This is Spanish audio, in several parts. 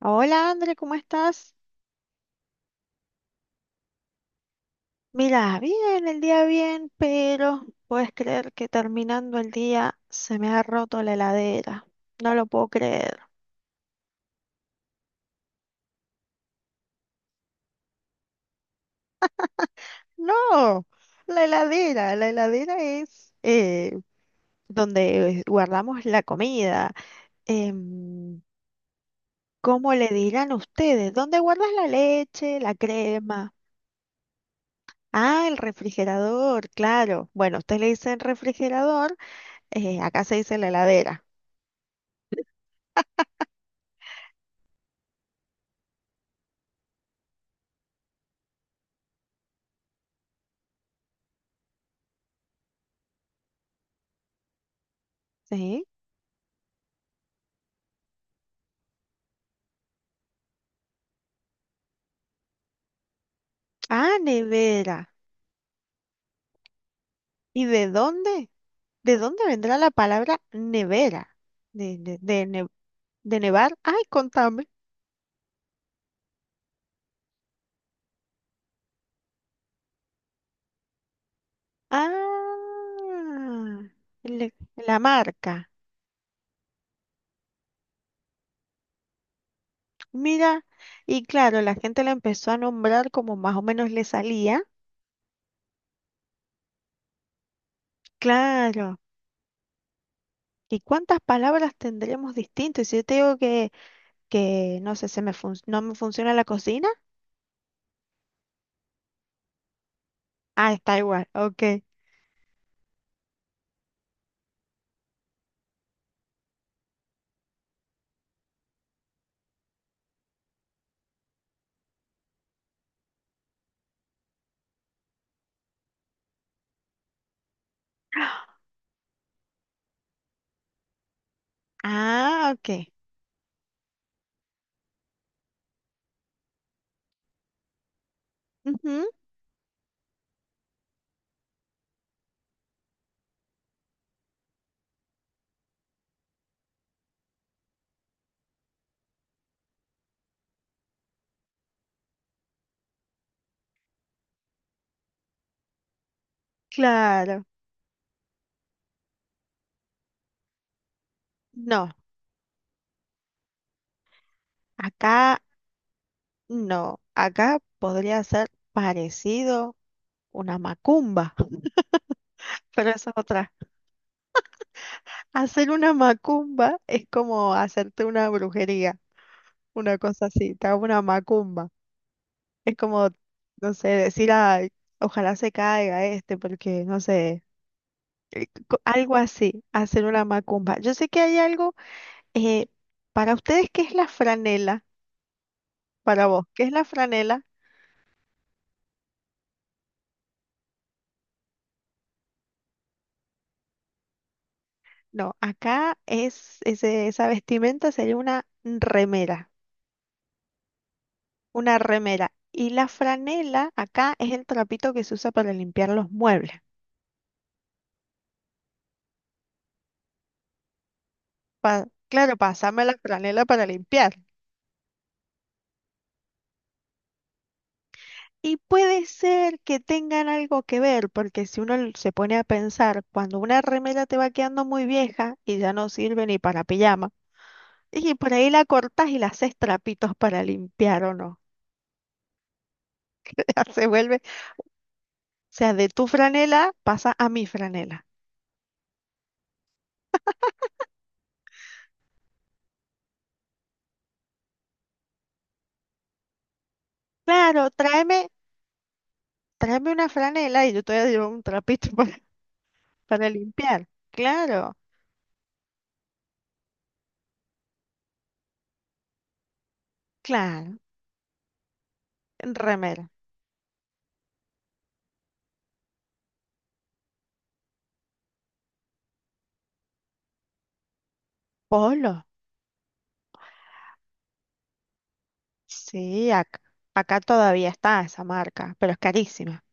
Hola André, ¿cómo estás? Mira, bien, el día bien, pero puedes creer que terminando el día se me ha roto la heladera. No lo puedo creer. No, la heladera es donde guardamos la comida. Em, ¿Cómo le dirán ustedes? ¿Dónde guardas la leche, la crema? Ah, el refrigerador, claro. Bueno, ustedes le dicen refrigerador, acá se dice la heladera. ¿Sí? Ah, nevera. ¿Y de dónde? ¿De dónde vendrá la palabra nevera? De, de, de, ne- de nevar. Ay, contame. Ah, la marca. Mira, y claro, la gente la empezó a nombrar como más o menos le salía. Claro. ¿Y cuántas palabras tendremos distintas? Si yo te digo que no sé, no me funciona la cocina. Ah, está igual, ok. Ah, ok. Ujú, claro. No, acá. No, acá podría ser parecido una macumba, pero esa es otra. Hacer una macumba es como hacerte una brujería, una cosa así, te hago una macumba. Es como, no sé, decir, ay, ojalá se caiga este, porque no sé, algo así, hacer una macumba. Yo sé que hay algo, eh, para ustedes, ¿qué es la franela? Para vos, ¿qué es la franela? No, acá es, ese, esa vestimenta sería una remera. Una remera. Y la franela acá es el trapito que se usa para limpiar los muebles. Claro, pasame la franela para limpiar. Y puede ser que tengan algo que ver, porque si uno se pone a pensar, cuando una remera te va quedando muy vieja y ya no sirve ni para pijama, y por ahí la cortas y la haces trapitos para limpiar o no. Ya se vuelve, o sea, de tu franela pasa a mi franela. Claro, tráeme, tráeme una franela y yo te voy a llevar un trapito para limpiar, claro, claro. Remera, polo. Sí, acá todavía está esa marca, pero es carísima.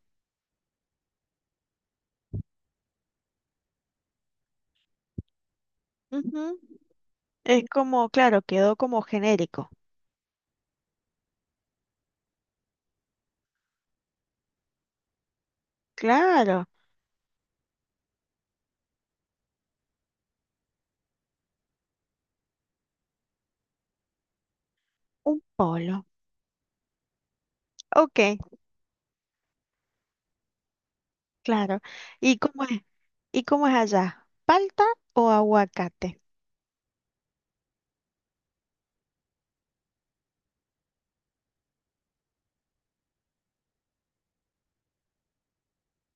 Ujú. Es como, claro, quedó como genérico. Claro, un polo. Ok, claro. ¿Y cómo es? ¿Y cómo es allá? ¿Palta o aguacate?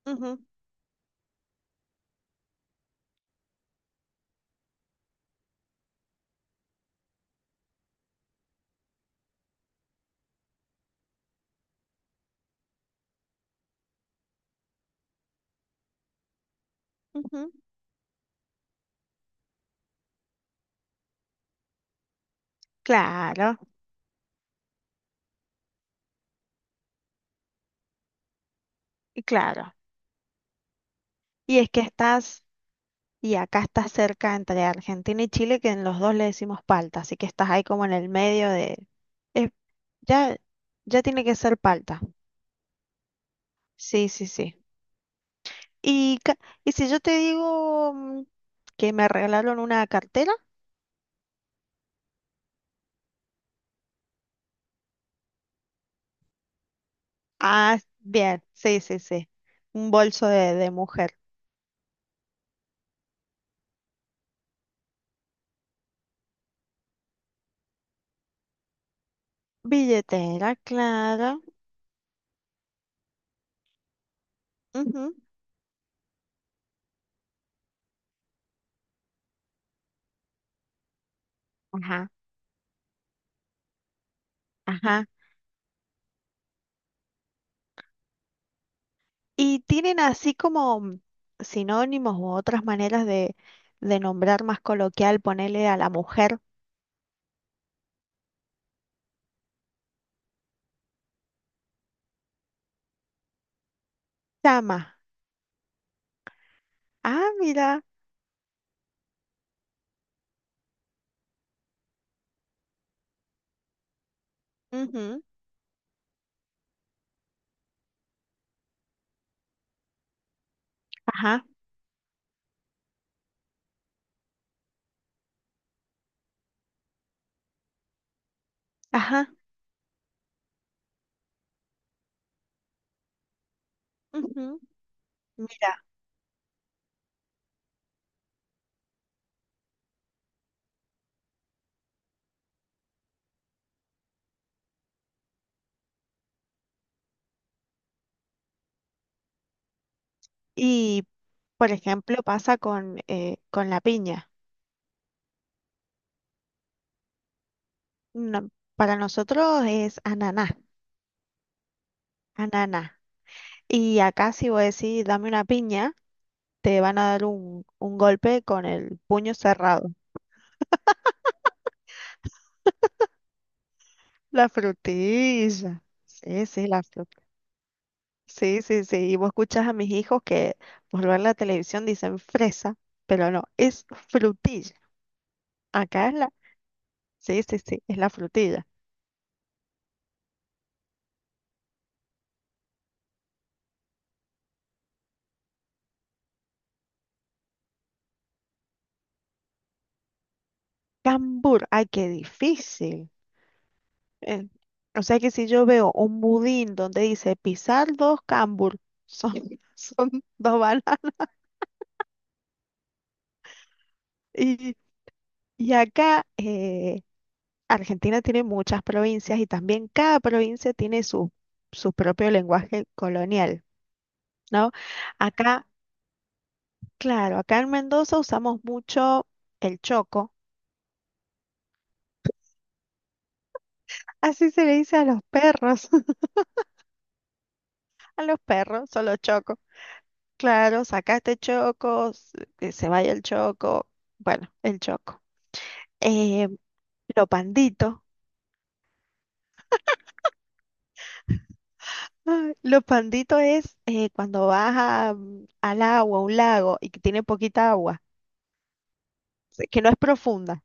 Ujú, ujú, claro, y claro. Y es que estás, y acá estás cerca entre Argentina y Chile, que en los dos le decimos palta, así que estás ahí como en el medio de... es- ya, ya tiene que ser palta. Sí, sí, sí. Y, ca- y si yo te digo que me regalaron una cartera. Ah, bien, sí, sí, sí. Un bolso de mujer. Billetera, claro. Ujú. Ajá, ajá. Y tienen así como sinónimos u otras maneras de nombrar más coloquial, ponerle a la mujer. Tama. Ah, mira. Ujú. Ajá, ajá. Ujú. Mira. Y, por ejemplo, pasa con la piña. No, para nosotros es ananá, ananá. Y acá si vos decís, dame una piña, te van a dar un golpe con el puño cerrado. La frutilla. Sí, sí, la fruta. Sí, sí, sí. Y vos escuchás a mis hijos que por ver la televisión dicen fresa, pero no, es frutilla. Acá es la... Sí, sí, sí, es la frutilla. Cambur, ay, qué difícil. Eh, o sea que si yo veo un budín donde dice pisar dos cambur, son son dos balas. Y, y acá Argentina tiene muchas provincias y también cada provincia tiene su, su propio lenguaje colonial, ¿no? Acá, claro, acá en Mendoza usamos mucho el choco. Así se le dice a los perros. A los perros, solo choco. Claro, sacaste Choco, que se vaya el Choco, bueno, el Choco. Eh, lo pandito, ay, lo pandito es cuando vas a, al agua, a un lago y que tiene poquita agua, que no es profunda,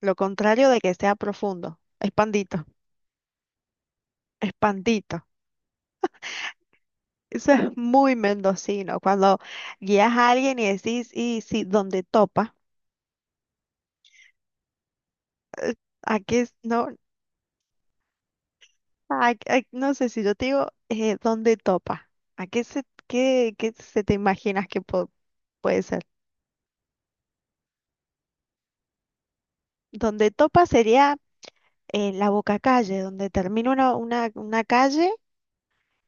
lo contrario de que sea profundo, es pandito, es pandito. Eso es muy mendocino, cuando guías a alguien y decís, y si, donde topa, aquí es, no. Ah, ay, no sé si yo te digo, ¿dónde topa? ¿A qué se, qué, qué se te imaginas que puede ser? Donde topa sería la boca calle, donde termina una calle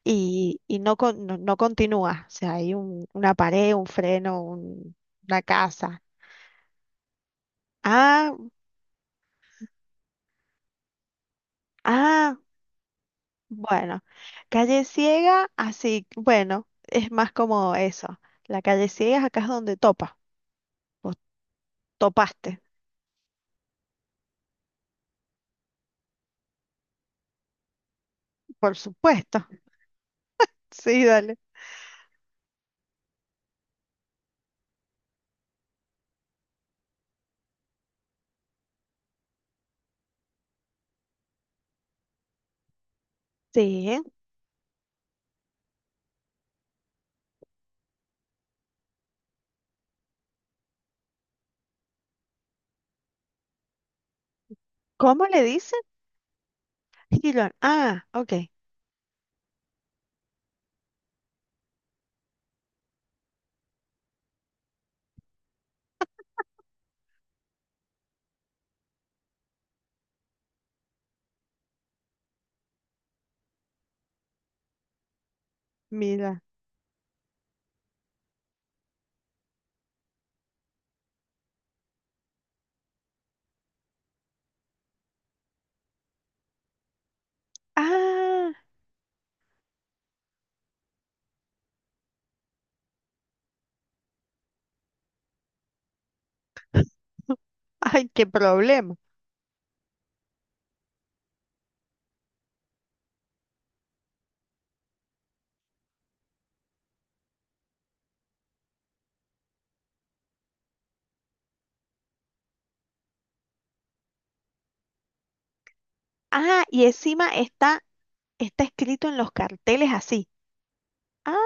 y no, no, no continúa. O sea, hay una pared, un freno, una casa. Ah, ah, bueno. Calle ciega, así, bueno, es más como eso. La calle ciega acá es donde topa. Vos topaste, por supuesto. Sí, dale. Sí. ¿Cómo le dicen? Gilón. Ah, ok. Mira. Ah, ay, qué problema. Ah, y encima está, está escrito en los carteles así. Ah,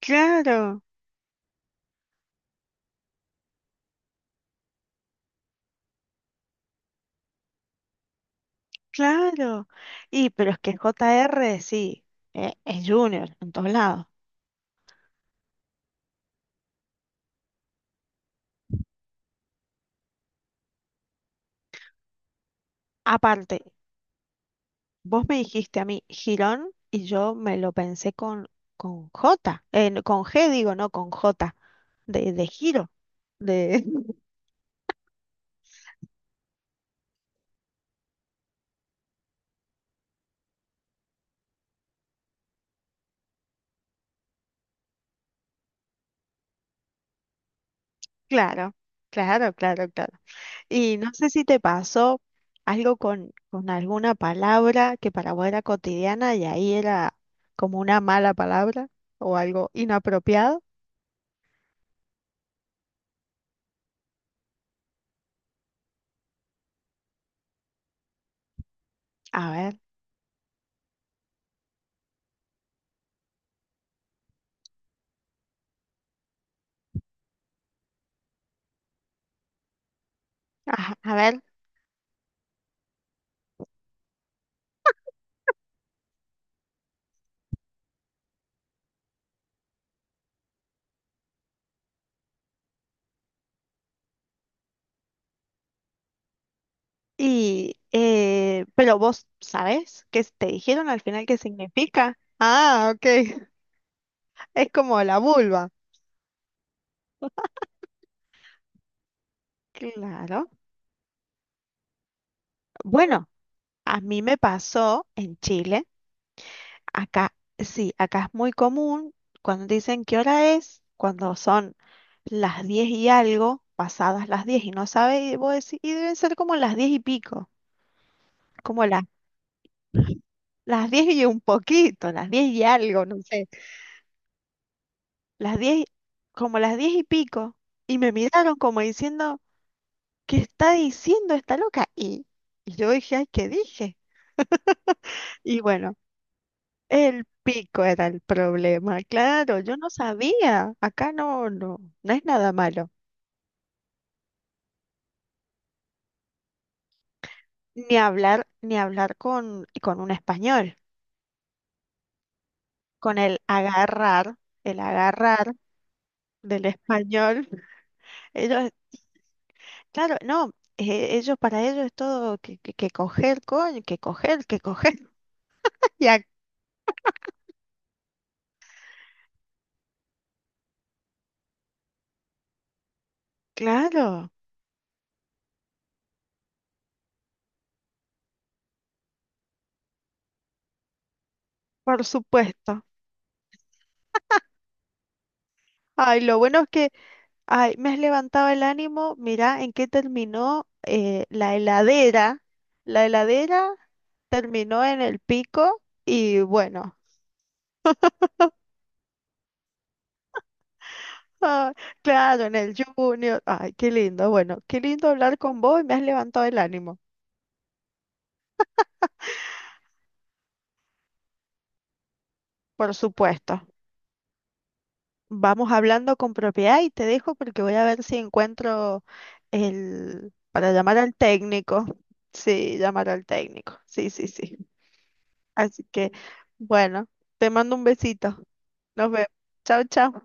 claro, claro. Y pero es que JR sí, es Junior en todos lados. Aparte, vos me dijiste a mí Girón y yo me lo pensé con J, con G digo, no, con J, de giro, de... Claro, claro, claro, claro. Y no sé si te pasó algo con alguna palabra que para vos era cotidiana y ahí era como una mala palabra o algo inapropiado. A ver, ajá, a ver. Y, pero vos sabés qué te dijeron al final qué significa. Ah, ok. Es como la vulva. Claro. Bueno, a mí me pasó en Chile. Acá, sí, acá es muy común cuando dicen qué hora es, cuando son las 10 y algo, pasadas las 10 y no sabe, y vos decís, y deben ser como las diez y pico, como las 10 y un poquito, las 10 y algo, no sé, las 10 como las 10 y pico, y me miraron como diciendo, ¿qué está diciendo esta loca? Y yo dije, ay, ¿qué dije? Y bueno, el pico era el problema, claro, yo no sabía, acá no, no, no es nada malo. Ni hablar, ni hablar con un español. Con el agarrar del español. Ellos, claro, no, ellos para ellos es todo que coger, coño, que coger, que coger. Ya, claro, por supuesto. Ay, lo bueno es que, ay, me has levantado el ánimo, mirá en qué terminó la heladera. La heladera terminó en el pico y bueno. Ah, claro, en el Junior. Ay, qué lindo. Bueno, qué lindo hablar con vos y me has levantado el ánimo. Por supuesto. Vamos hablando con propiedad y te dejo porque voy a ver si encuentro el... para llamar al técnico. Sí, llamar al técnico. Sí, sí, sí. Así que, bueno, te mando un besito. Nos vemos. Chao, chao.